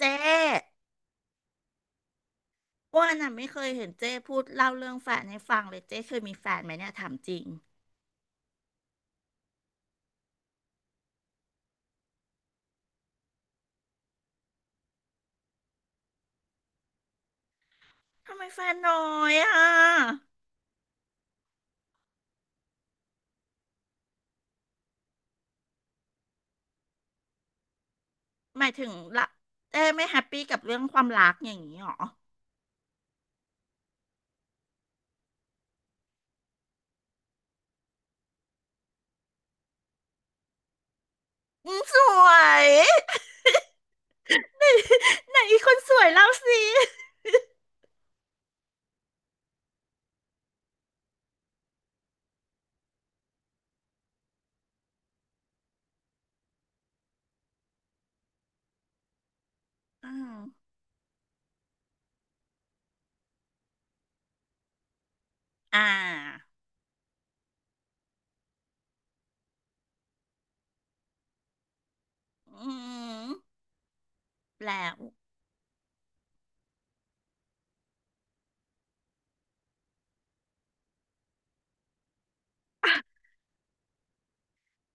เจ๊อ้วนอ่ะไม่เคยเห็นเจ๊พูดเล่าเรื่องแฟนให้ฟังเลยเจ๊เคยมีแฟนไหมเนี่ยถามจริงทำไมแฟนน้อยอ่ะหมายถึงละเจ๊ไม่แฮปปี้กับเรื่องความรักอย่างนี้หรออืมสวย ไหนไหนอีกคนสวยเล่าสิอืมอ่าอืมแล้ว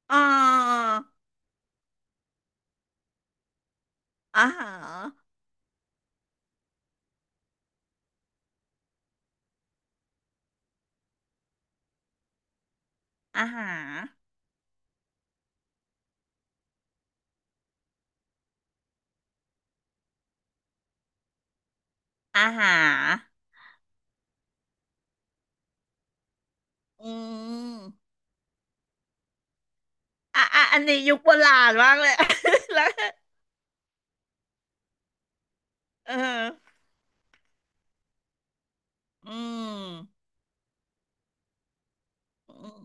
อ๋ออาหารอาหารอาหารอืมอ่ะอ่ะอันนี้ยุคโบราณมากเลย แล้วเออ อืมอืม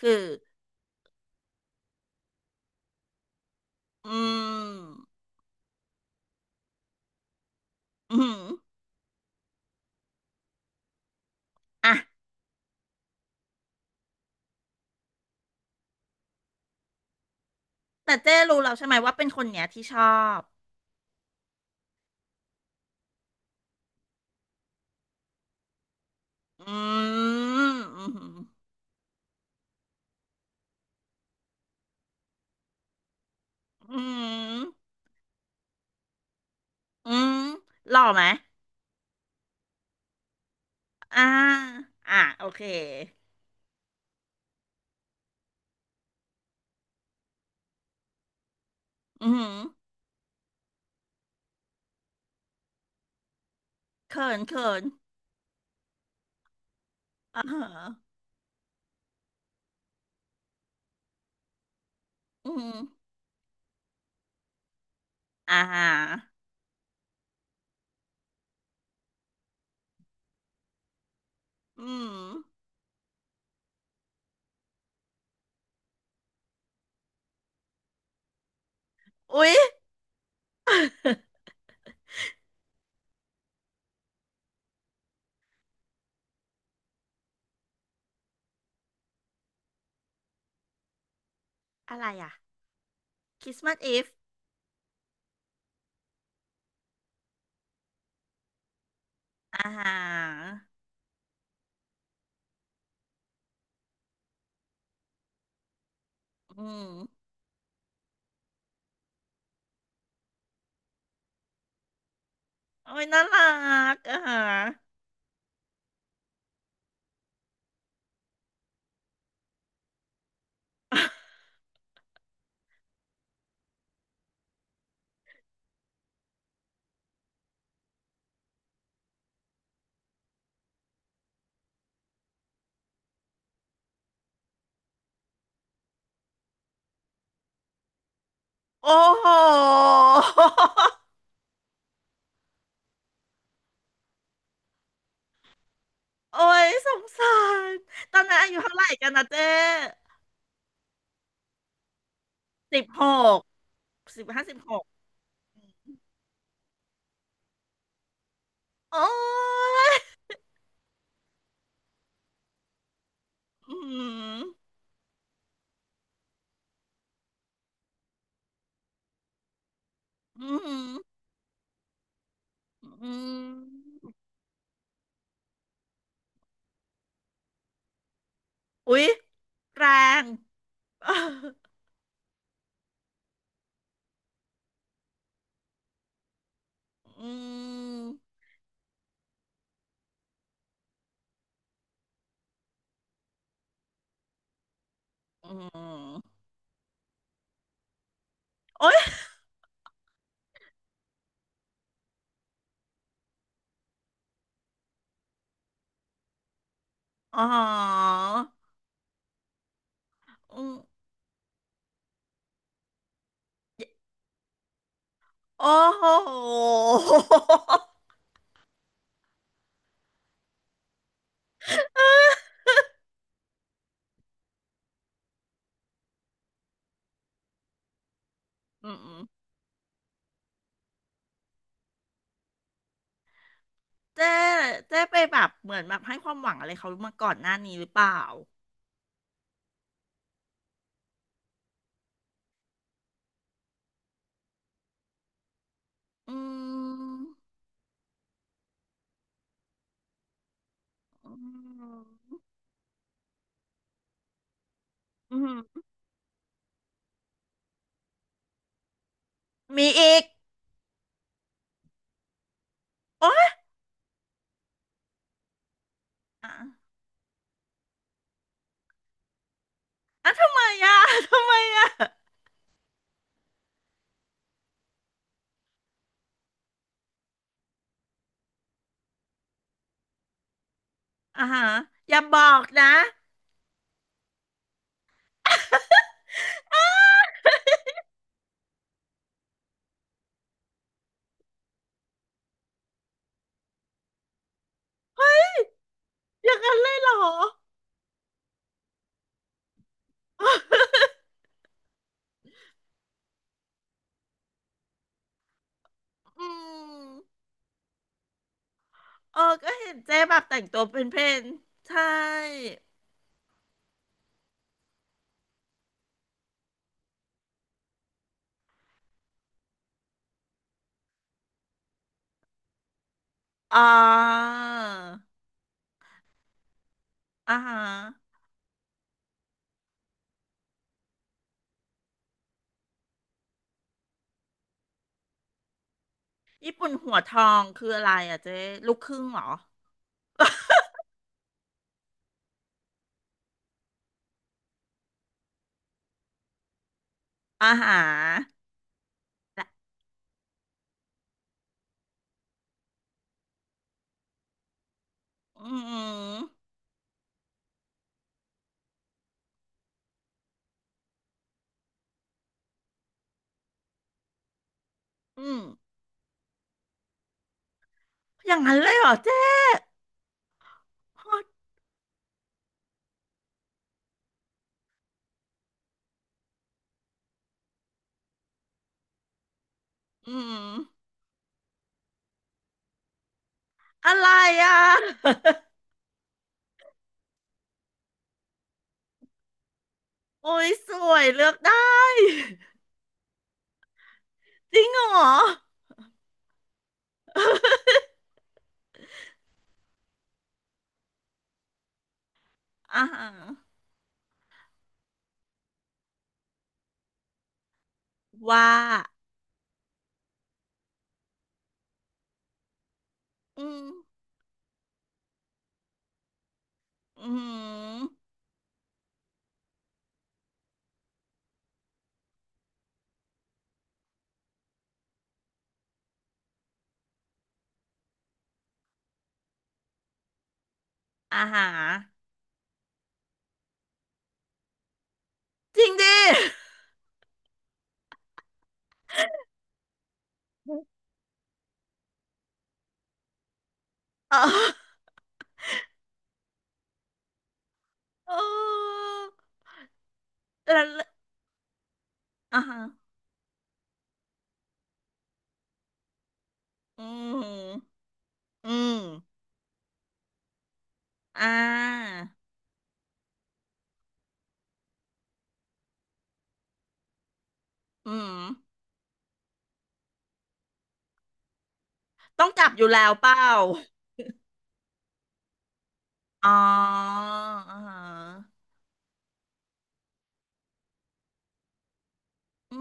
คืออืมอืมอ่ะแต่เจ้รู้แล้วใช่ไหมว่าเป็นคนเนี้ยที่ชอบอืมอืมอืมอืมหล่อไหมอ่าอ่ะโอเคอืมเขินเขินอ่าฮะอืมอ่าฮะอืมอุ๊ยอะไรอ่ะคริสต์มาสอีฟอ่าฮะอืมโอ้ยน่ารักอ่าฮะโอ้โห โอ้ยสงสาร ตอนนั้นอายุเท่าไหร่กันนะเจ๊สิบหกสิบห้าสิบหกโอ้ยอืมอืมอืมอุ๊ยแรงเอออืมอืมโอ้ยอ๋ออืมโอ้โหอืมอืมเจ๊เจ๊ไปแบบเหมือนแบบให้ความหวังอะไรเขามาก่อนหน้านี้หรือเปล่าอืมอืมอืม มีอีกโอ๊ยอ่ะอ่ะทำไมอ่ะ ทำไมอ่ะอ่าฮะอย่าบอกนะอย่างนั้นเลยเหรอ อืมเออก็เห็นเจ๊แบบแต่งตัวเป็นเพนใช่อ๋ออ่าฮะญี่ปุ่นหัวทองคืออะไรอ่ะเจ๊ลูกครึ่งเหรออ่าฮะและอืมอืมอย่างนั้นเลยเหรอเจ๊โคตรอืมอะไรอ่ะ โอ้ยสวยเลือกได้ จริงเหรอ อาฮาว่า อืมอืมอาฮาจริงดิ เออเออแล้วอาฮะอืมอืมอ่า อืมต้องกลับอยู่แล้วเปล่าอ๋ออาฮาอื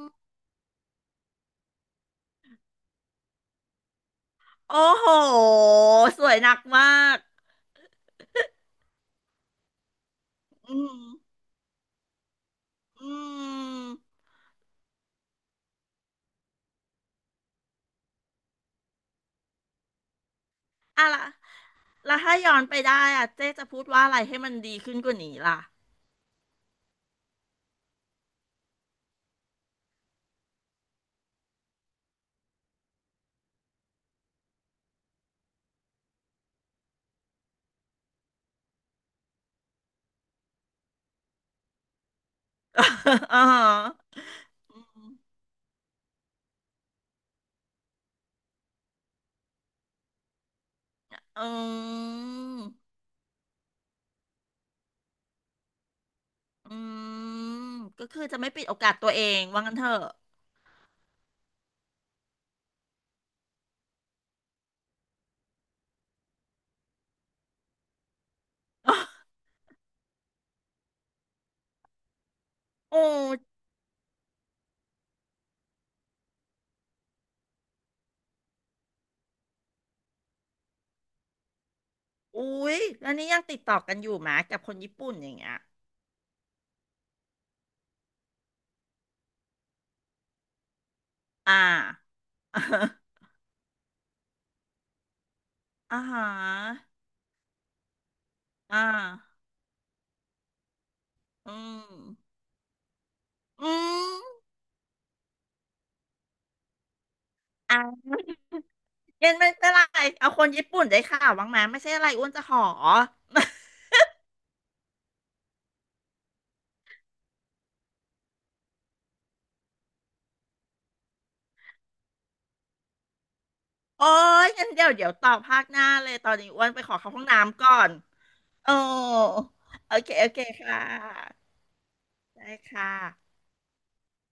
มโอ้โห สวยหนักมาก อืมอืมอะไร แล้วถ้าย้อนไปได้อะเจ๊จะพูดว่าอะไรให้มันดีขึ้นกว่านี้ล่ะ อ๋ออืมอืมก็คือจะไม่ปิดโอกาสตัวเองว่างั้นเถอะ โอ้อุ๊ยแล้วนี่ยังติดต่อกันอยู่ไหมกับคนญี่ปุ่นอย่างเงี้ยอ่า อ่าฮะอ่าอืมอืมอ่ะเย็นไม่เป็นไร เอาคนญี่ปุ่นได้ข่าวบ้างไหมไม่ใช่อะไรอ้วนจะขอ โอ้ยงั้นเดี๋ยวเดี๋ยวต่อภาคหน้าเลยตอนนี้อ้วนไปขอเข้าห้องน้ำก่อนโอ้โอเคโอเคค่ะได้ค่ะ